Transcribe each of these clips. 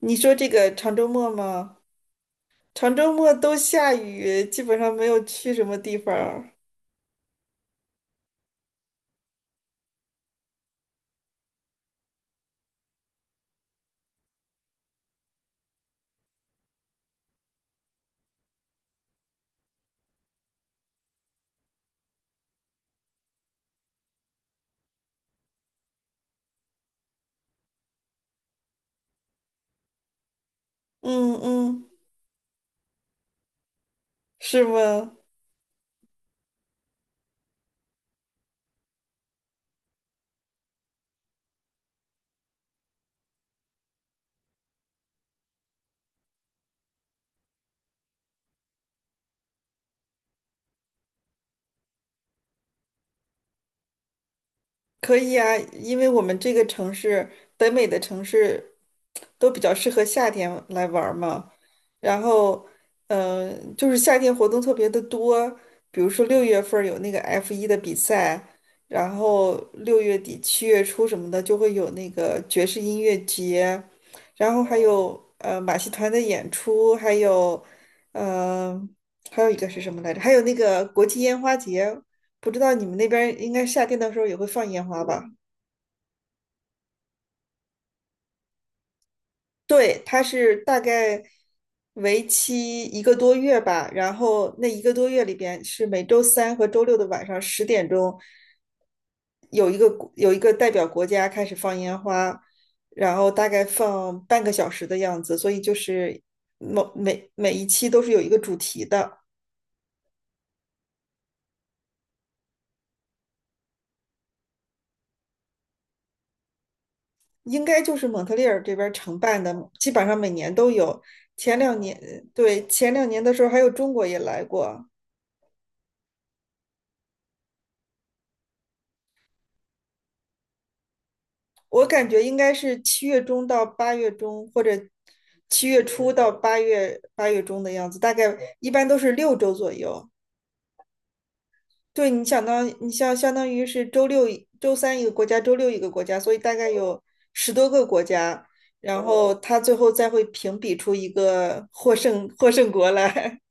你说这个长周末吗？长周末都下雨，基本上没有去什么地方儿。嗯嗯，是吗？可以啊，因为我们这个城市，北美的城市，都比较适合夏天来玩儿嘛。然后，就是夏天活动特别的多，比如说6月份儿有那个 F1的比赛，然后6月底7月初什么的就会有那个爵士音乐节，然后还有马戏团的演出，呃还有一个是什么来着？还有那个国际烟花节，不知道你们那边儿应该夏天的时候也会放烟花吧？对，它是大概为期一个多月吧，然后那一个多月里边是每周三和周六的晚上10点钟，有一个代表国家开始放烟花，然后大概放半个小时的样子，所以就是每一期都是有一个主题的，应该就是蒙特利尔这边儿承办的，基本上每年都有。前两年，对，前两年的时候还有中国也来过，我感觉应该是7月中到8月中，或者七月初到八月中的样子，大概一般都是6周左右。对，你想当你像相当于是周三一个国家，周六一个国家，所以大概有10多个国家，然后他最后再会评比出一个获胜国来。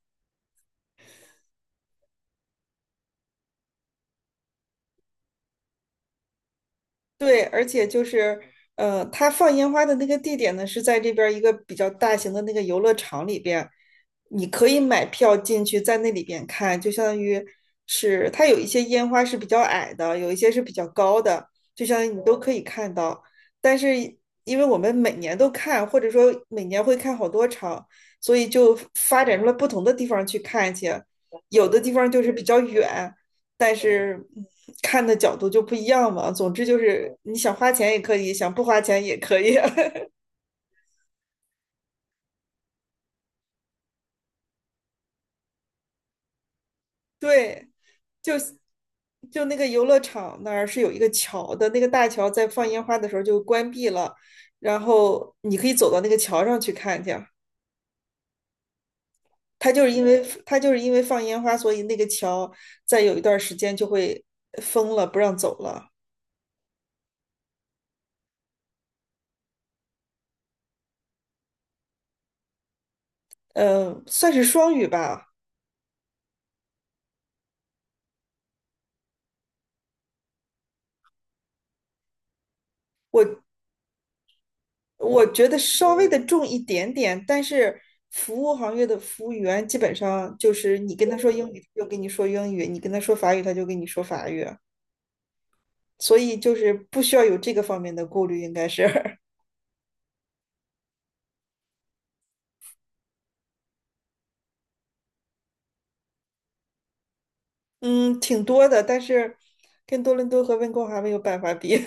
对，而且就是，它放烟花的那个地点呢，是在这边儿一个比较大型的那个游乐场里边，你可以买票进去，在那里边看，就相当于是它有一些烟花是比较矮的，有一些是比较高的，就相当于你都可以看到。但是因为我们每年都看，或者说每年会看好多场，所以就发展出了不同的地方去看去，有的地方就是比较远。但是看的角度就不一样嘛。总之就是你想花钱也可以，想不花钱也可以。对，就就那个游乐场那儿是有一个桥的，那个大桥在放烟花的时候就关闭了，然后你可以走到那个桥上去看去。它就是因为放烟花，所以那个桥在有一段时间就会封了，不让走了。嗯，算是双语吧。我我觉得稍微的重一点点，但是服务行业的服务员基本上就是你跟他说英语，他就跟你说英语；你跟他说法语，他就跟你说法语。所以就是不需要有这个方面的顾虑，应该是，嗯，挺多的。但是跟多伦多和温哥华没有办法比。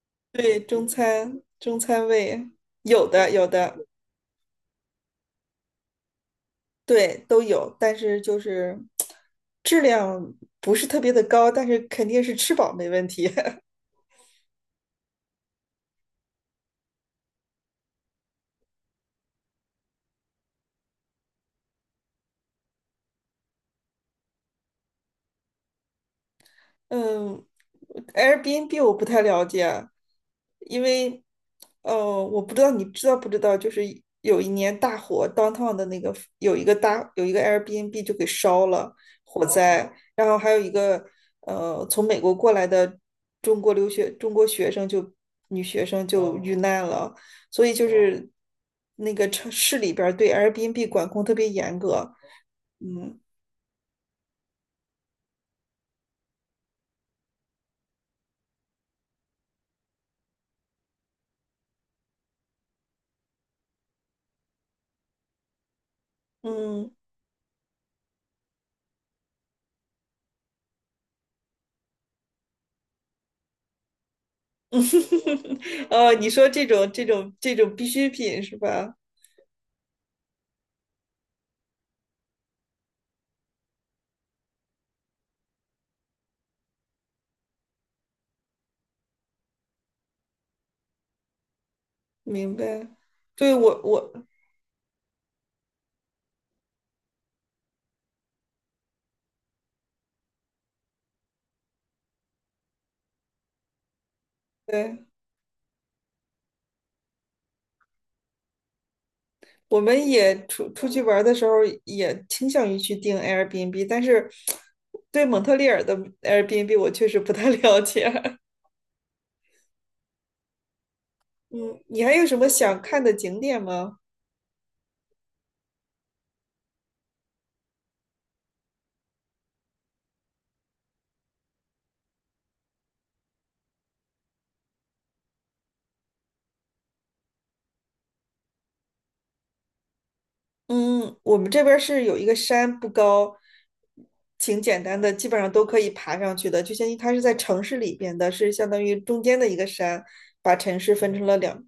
对，中餐有的有的，对都有，但是就是质量不是特别的高，但是肯定是吃饱没问题。嗯，Airbnb 我不太了解，因为呃，我不知道你知道不知道，就是有一年大火，downtown 的那个有一个 Airbnb 就给烧了，火灾，然后还有一个从美国过来的中国留学中国学生就女学生就遇难了，所以就是那个城市里边儿对 Airbnb 管控特别严格，嗯。嗯，哦，你说这种必需品是吧？明白。对，对，我们也出去玩儿的时候也倾向于去订 Airbnb，但是对蒙特利尔的 Airbnb 我确实不太 了解。嗯，你还有什么想看的景点吗？嗯，我们这边儿是有一个山不高，挺简单的，基本上都可以爬上去的。就相当于它是在城市里边的，是相当于中间的一个山，把城市分成了两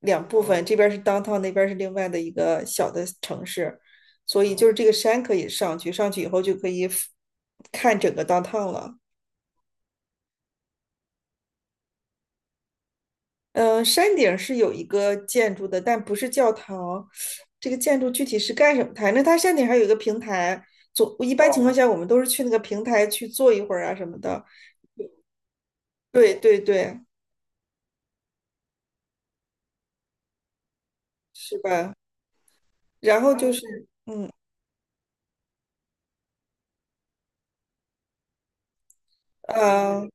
两部分，这边是 downtown，那边是另外的一个小的城市，所以就是这个山可以上去，上去以后就可以看整个 downtown 了。山顶是有一个建筑的，但不是教堂，这个建筑具体是干什么？反正它山顶还有一个平台，一般情况下我们都是去那个平台去坐一会儿啊什么的。对对对，是吧？然后就是嗯呃，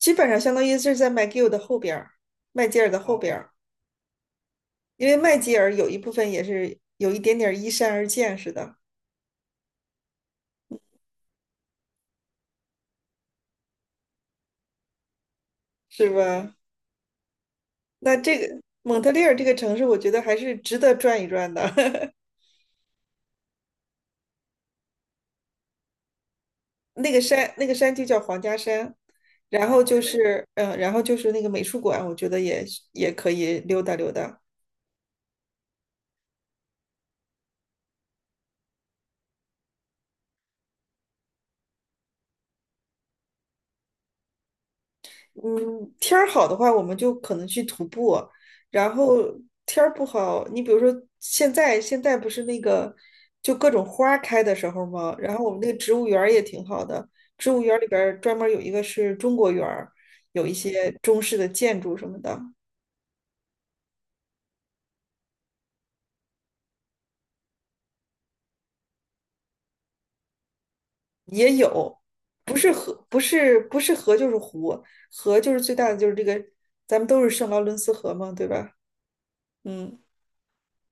基本上相当于是在麦吉尔的后边儿，麦吉尔的后边儿。因为麦吉尔有一部分也是有一点点依山而建似的，是吧？那这个蒙特利尔这个城市，我觉得还是值得转一转的。那个山就叫皇家山，然后就是那个美术馆，我觉得也也可以溜达溜达。嗯，天儿好的话，我们就可能去徒步，然后天儿不好，你比如说现在不是那个就各种花儿开的时候吗？然后我们那个植物园儿也挺好的，植物园儿里边儿专门有一个是中国园儿，有一些中式的建筑什么的也有，不是河，不是河就是湖，河就是最大的就是这个，咱们都是圣劳伦斯河嘛，对吧？嗯，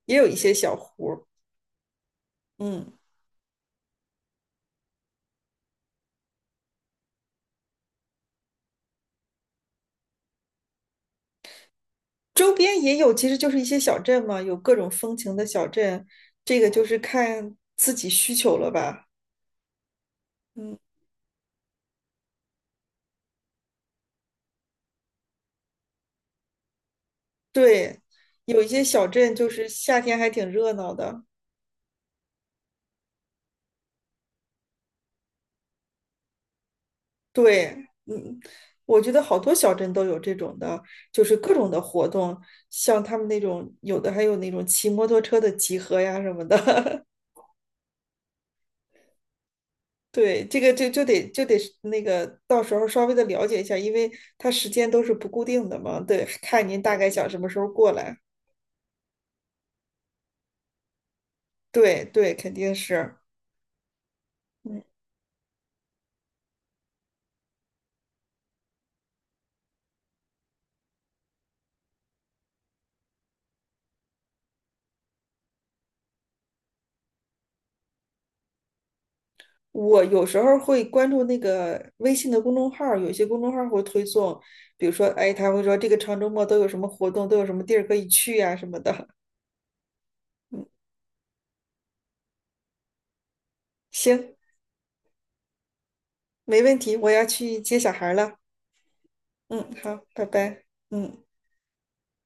也有一些小湖儿。嗯。周边也有，其实就是一些小镇嘛，有各种风情的小镇，这个就是看自己需求了吧。嗯，对，有一些小镇就是夏天还挺热闹的。对，嗯，我觉得好多小镇都有这种的，就是各种的活动，像他们那种有的还有那种骑摩托车的集合呀什么的。对，这个就得是那个到时候稍微的了解一下，因为它时间都是不固定的嘛。对，看您大概想什么时候过来。对对，肯定是。嗯，我有时候会关注那个微信的公众号儿，有些公众号儿会推送，比如说，哎，他会说这个长周末都有什么活动，都有什么地儿可以去呀、什么的。行，没问题，我要去接小孩儿了。嗯，好，拜拜。嗯。